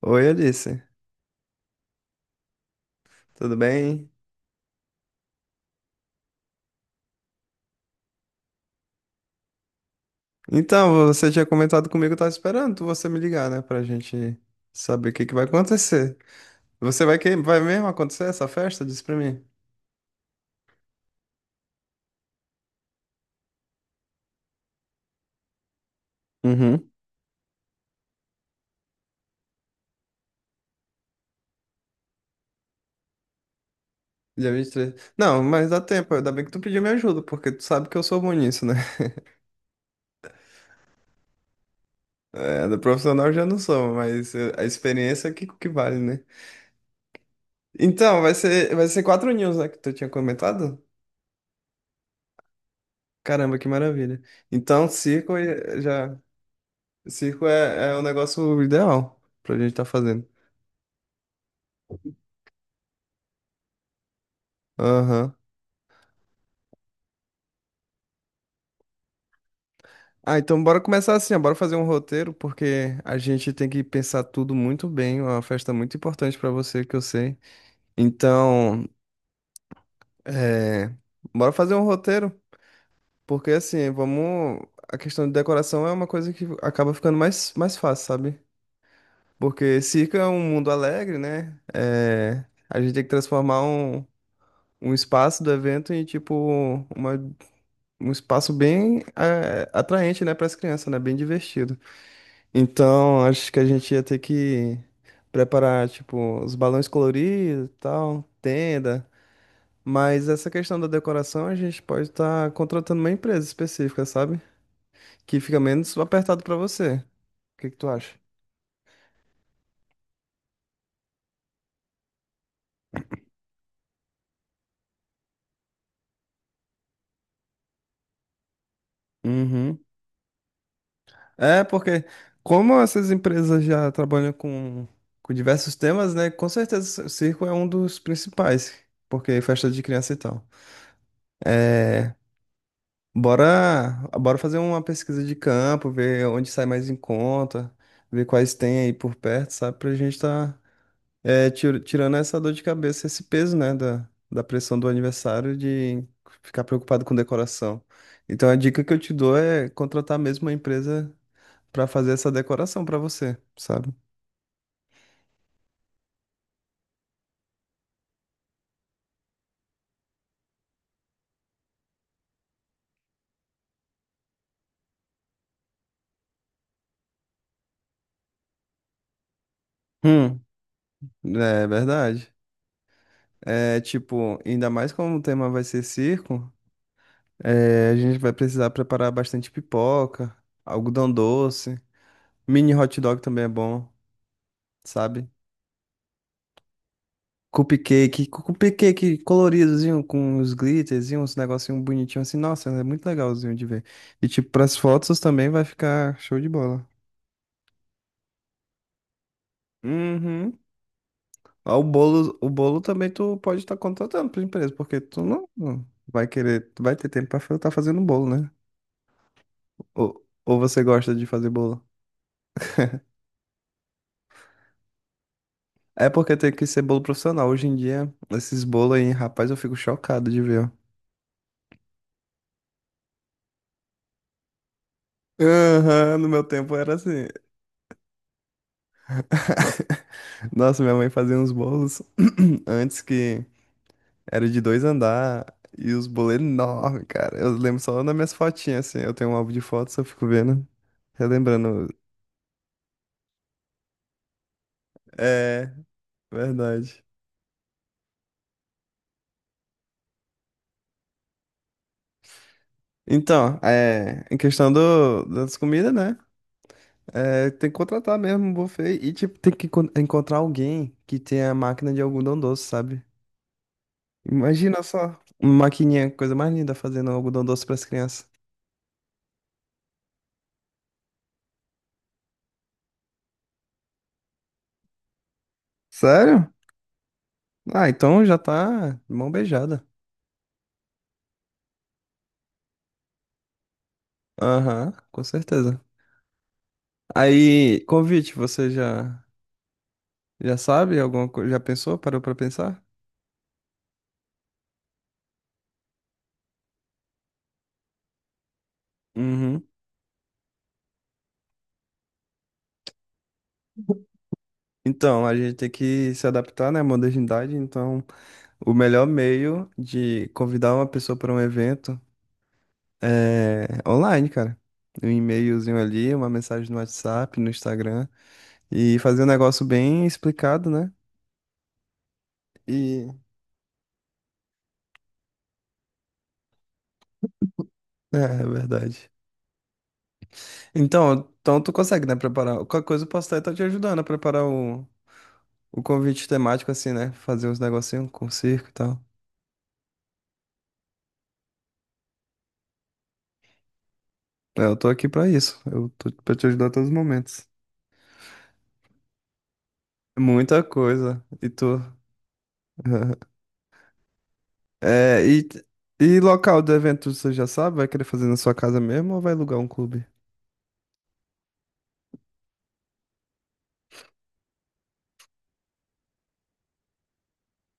Oi, Alice. Tudo bem? Então, você tinha comentado comigo, eu tava esperando você me ligar, né? Pra gente saber o que que vai acontecer. Você vai que vai mesmo acontecer essa festa? Diz pra mim. Uhum. Dia 23. Não, mas dá tempo. Ainda bem que tu pediu minha ajuda, porque tu sabe que eu sou bom nisso, né? É, do profissional eu já não sou, mas a experiência é que vale, né? Então, vai ser quatro news, né? Que tu tinha comentado? Caramba, que maravilha. Então, cinco já. Circo é o negócio ideal pra gente tá fazendo. Aham. Ah, então bora começar assim, ó, bora fazer um roteiro, porque a gente tem que pensar tudo muito bem, é uma festa muito importante pra você, que eu sei. Então, é, bora fazer um roteiro, porque assim, vamos. A questão de decoração é uma coisa que acaba ficando mais fácil, sabe? Porque circo é um mundo alegre, né? É, a gente tem que transformar um espaço do evento em, tipo, uma um espaço bem atraente, né, para as crianças, né, bem divertido. Então, acho que a gente ia ter que preparar, tipo, os balões coloridos, e tal, tenda, mas essa questão da decoração a gente pode estar contratando uma empresa específica, sabe? Que fica menos apertado para você. O que que tu acha? Uhum. É, porque como essas empresas já trabalham com diversos temas, né, com certeza o circo é um dos principais, porque é festa de criança e tal. É, bora fazer uma pesquisa de campo, ver onde sai mais em conta, ver quais tem aí por perto, sabe? Pra gente tá tirando essa dor de cabeça, esse peso, né? Da pressão do aniversário de ficar preocupado com decoração. Então a dica que eu te dou é contratar mesmo uma empresa pra fazer essa decoração pra você, sabe? Hum, é verdade. É tipo, ainda mais como o tema vai ser circo, é, a gente vai precisar preparar bastante pipoca, algodão doce. Mini hot dog também é bom, sabe? Cupcake, cupcake coloridozinho com os glitters e uns negocinho bonitinho assim. Nossa, é muito legalzinho de ver. E tipo, pras fotos também vai ficar show de bola. Uhum. Ah, o bolo, o bolo também tu pode estar contratando pra empresa, porque tu não vai querer, tu vai ter tempo pra estar fazendo bolo, né? Ou você gosta de fazer bolo? É porque tem que ser bolo profissional. Hoje em dia, esses bolos aí, rapaz, eu fico chocado de ver, ó. Aham, no meu tempo era assim. Nossa, minha mãe fazia uns bolos antes que era de dois andar e os bolos enormes, cara. Eu lembro só nas minhas fotinhas, assim. Eu tenho um álbum de fotos, eu fico vendo, relembrando. É, verdade. Então, é, em questão das comidas, né? É, tem que contratar mesmo um buffet e, tipo, tem que encontrar alguém que tenha máquina de algodão doce, sabe? Imagina só, uma maquininha, coisa mais linda, fazendo algodão doce para as crianças. Sério? Ah, então já tá mão beijada. Aham, com certeza. Aí, convite, você já sabe alguma coisa? Já pensou? Parou pra pensar? Uhum. Então, a gente tem que se adaptar, né, à modernidade. Então, o melhor meio de convidar uma pessoa para um evento é online, cara. Um e-mailzinho ali, uma mensagem no WhatsApp, no Instagram e fazer um negócio bem explicado, né? E é verdade. Então tu consegue, né, preparar? Qualquer coisa eu posso estar te ajudando a preparar o convite temático, assim, né? Fazer uns negocinhos com circo e tal. É, eu tô aqui pra isso. Eu tô pra te ajudar a todos os momentos. Muita coisa. E tu? É, e, e local do evento, você já sabe? Vai querer fazer na sua casa mesmo ou vai alugar um clube?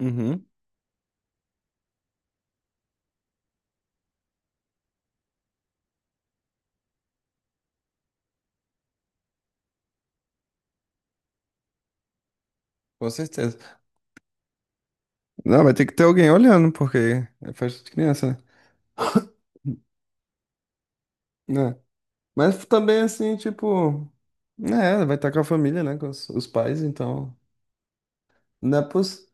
Uhum, com certeza. Não, vai ter que ter alguém olhando, porque é festa de criança, né? É. Mas também, assim, tipo... Né, vai estar com a família, né? Com os pais, então. Não é poss...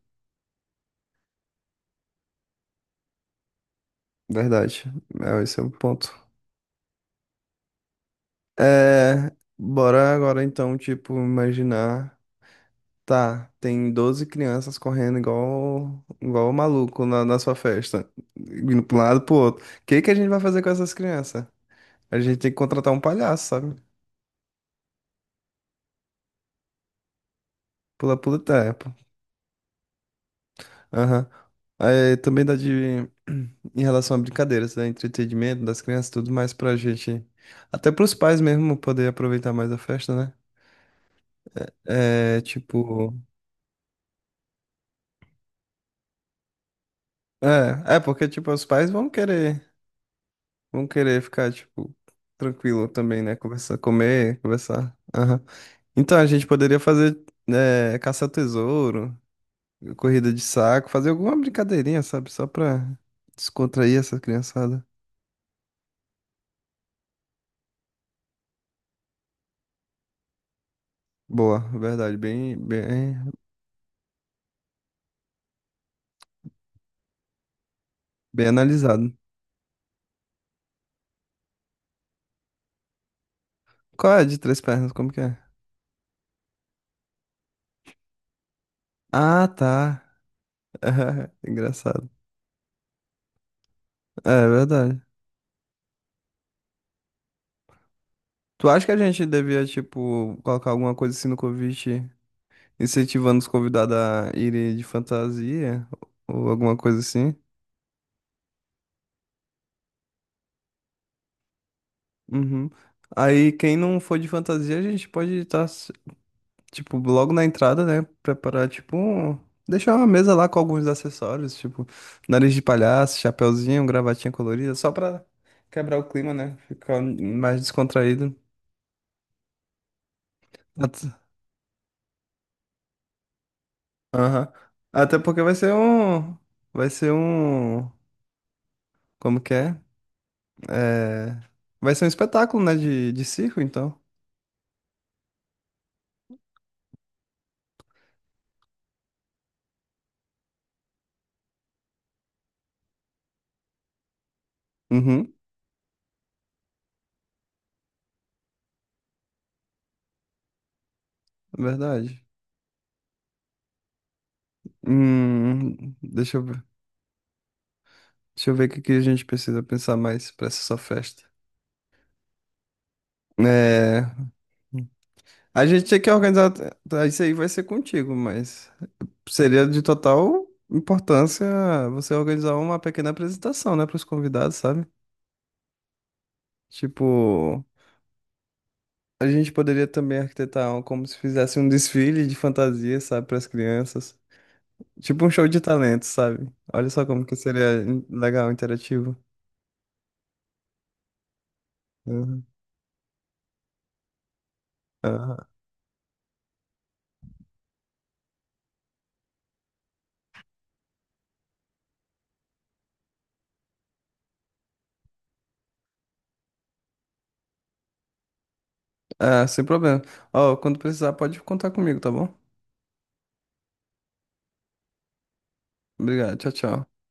Verdade. É, esse é o ponto. É, bora agora então, tipo, imaginar. Tá, tem 12 crianças correndo igual o maluco na sua festa, indo pra um lado e pro outro. O que que a gente vai fazer com essas crianças? A gente tem que contratar um palhaço, sabe? Pula, pula e tempo. Aham. Aí também dá de, em relação a brincadeiras, né? Entretenimento das crianças, tudo mais pra gente. Até pros pais mesmo poder aproveitar mais a festa, né? É, tipo. É, é porque, tipo, os pais vão querer. Vão querer ficar, tipo, tranquilo também, né? Conversar, comer, conversar. Aham. Então, a gente poderia fazer caça ao tesouro, corrida de saco, fazer alguma brincadeirinha, sabe? Só pra descontrair essa criançada. Boa, verdade. Bem analisado. Qual é a de três pernas? Como que é? Ah, tá. Engraçado. É, verdade. Tu acha que a gente devia, tipo, colocar alguma coisa assim no convite, incentivando os convidados a irem de fantasia ou alguma coisa assim? Uhum. Aí quem não for de fantasia, a gente pode estar, tipo, logo na entrada, né? Preparar, tipo, um- deixar uma mesa lá com alguns acessórios, tipo, nariz de palhaço, chapeuzinho, gravatinha colorida, só pra quebrar o clima, né? Ficar mais descontraído. At- Aham. Até porque vai ser um. Vai ser um. Como que é? É, vai ser um espetáculo, né? De circo, então. Uhum, verdade. Deixa eu ver. Deixa eu ver o que que a gente precisa pensar mais pra essa sua festa. É, a gente tinha que organizar. Tá, isso aí vai ser contigo, mas seria de total importância você organizar uma pequena apresentação, né, para os convidados, sabe? Tipo, a gente poderia também arquitetar um- como se fizesse um desfile de fantasia, sabe, para as crianças. Tipo um show de talentos, sabe? Olha só como que seria legal, interativo. Uhum. Ah, sem problema. Ó, quando precisar, pode contar comigo, tá bom? Obrigado. Tchau, tchau.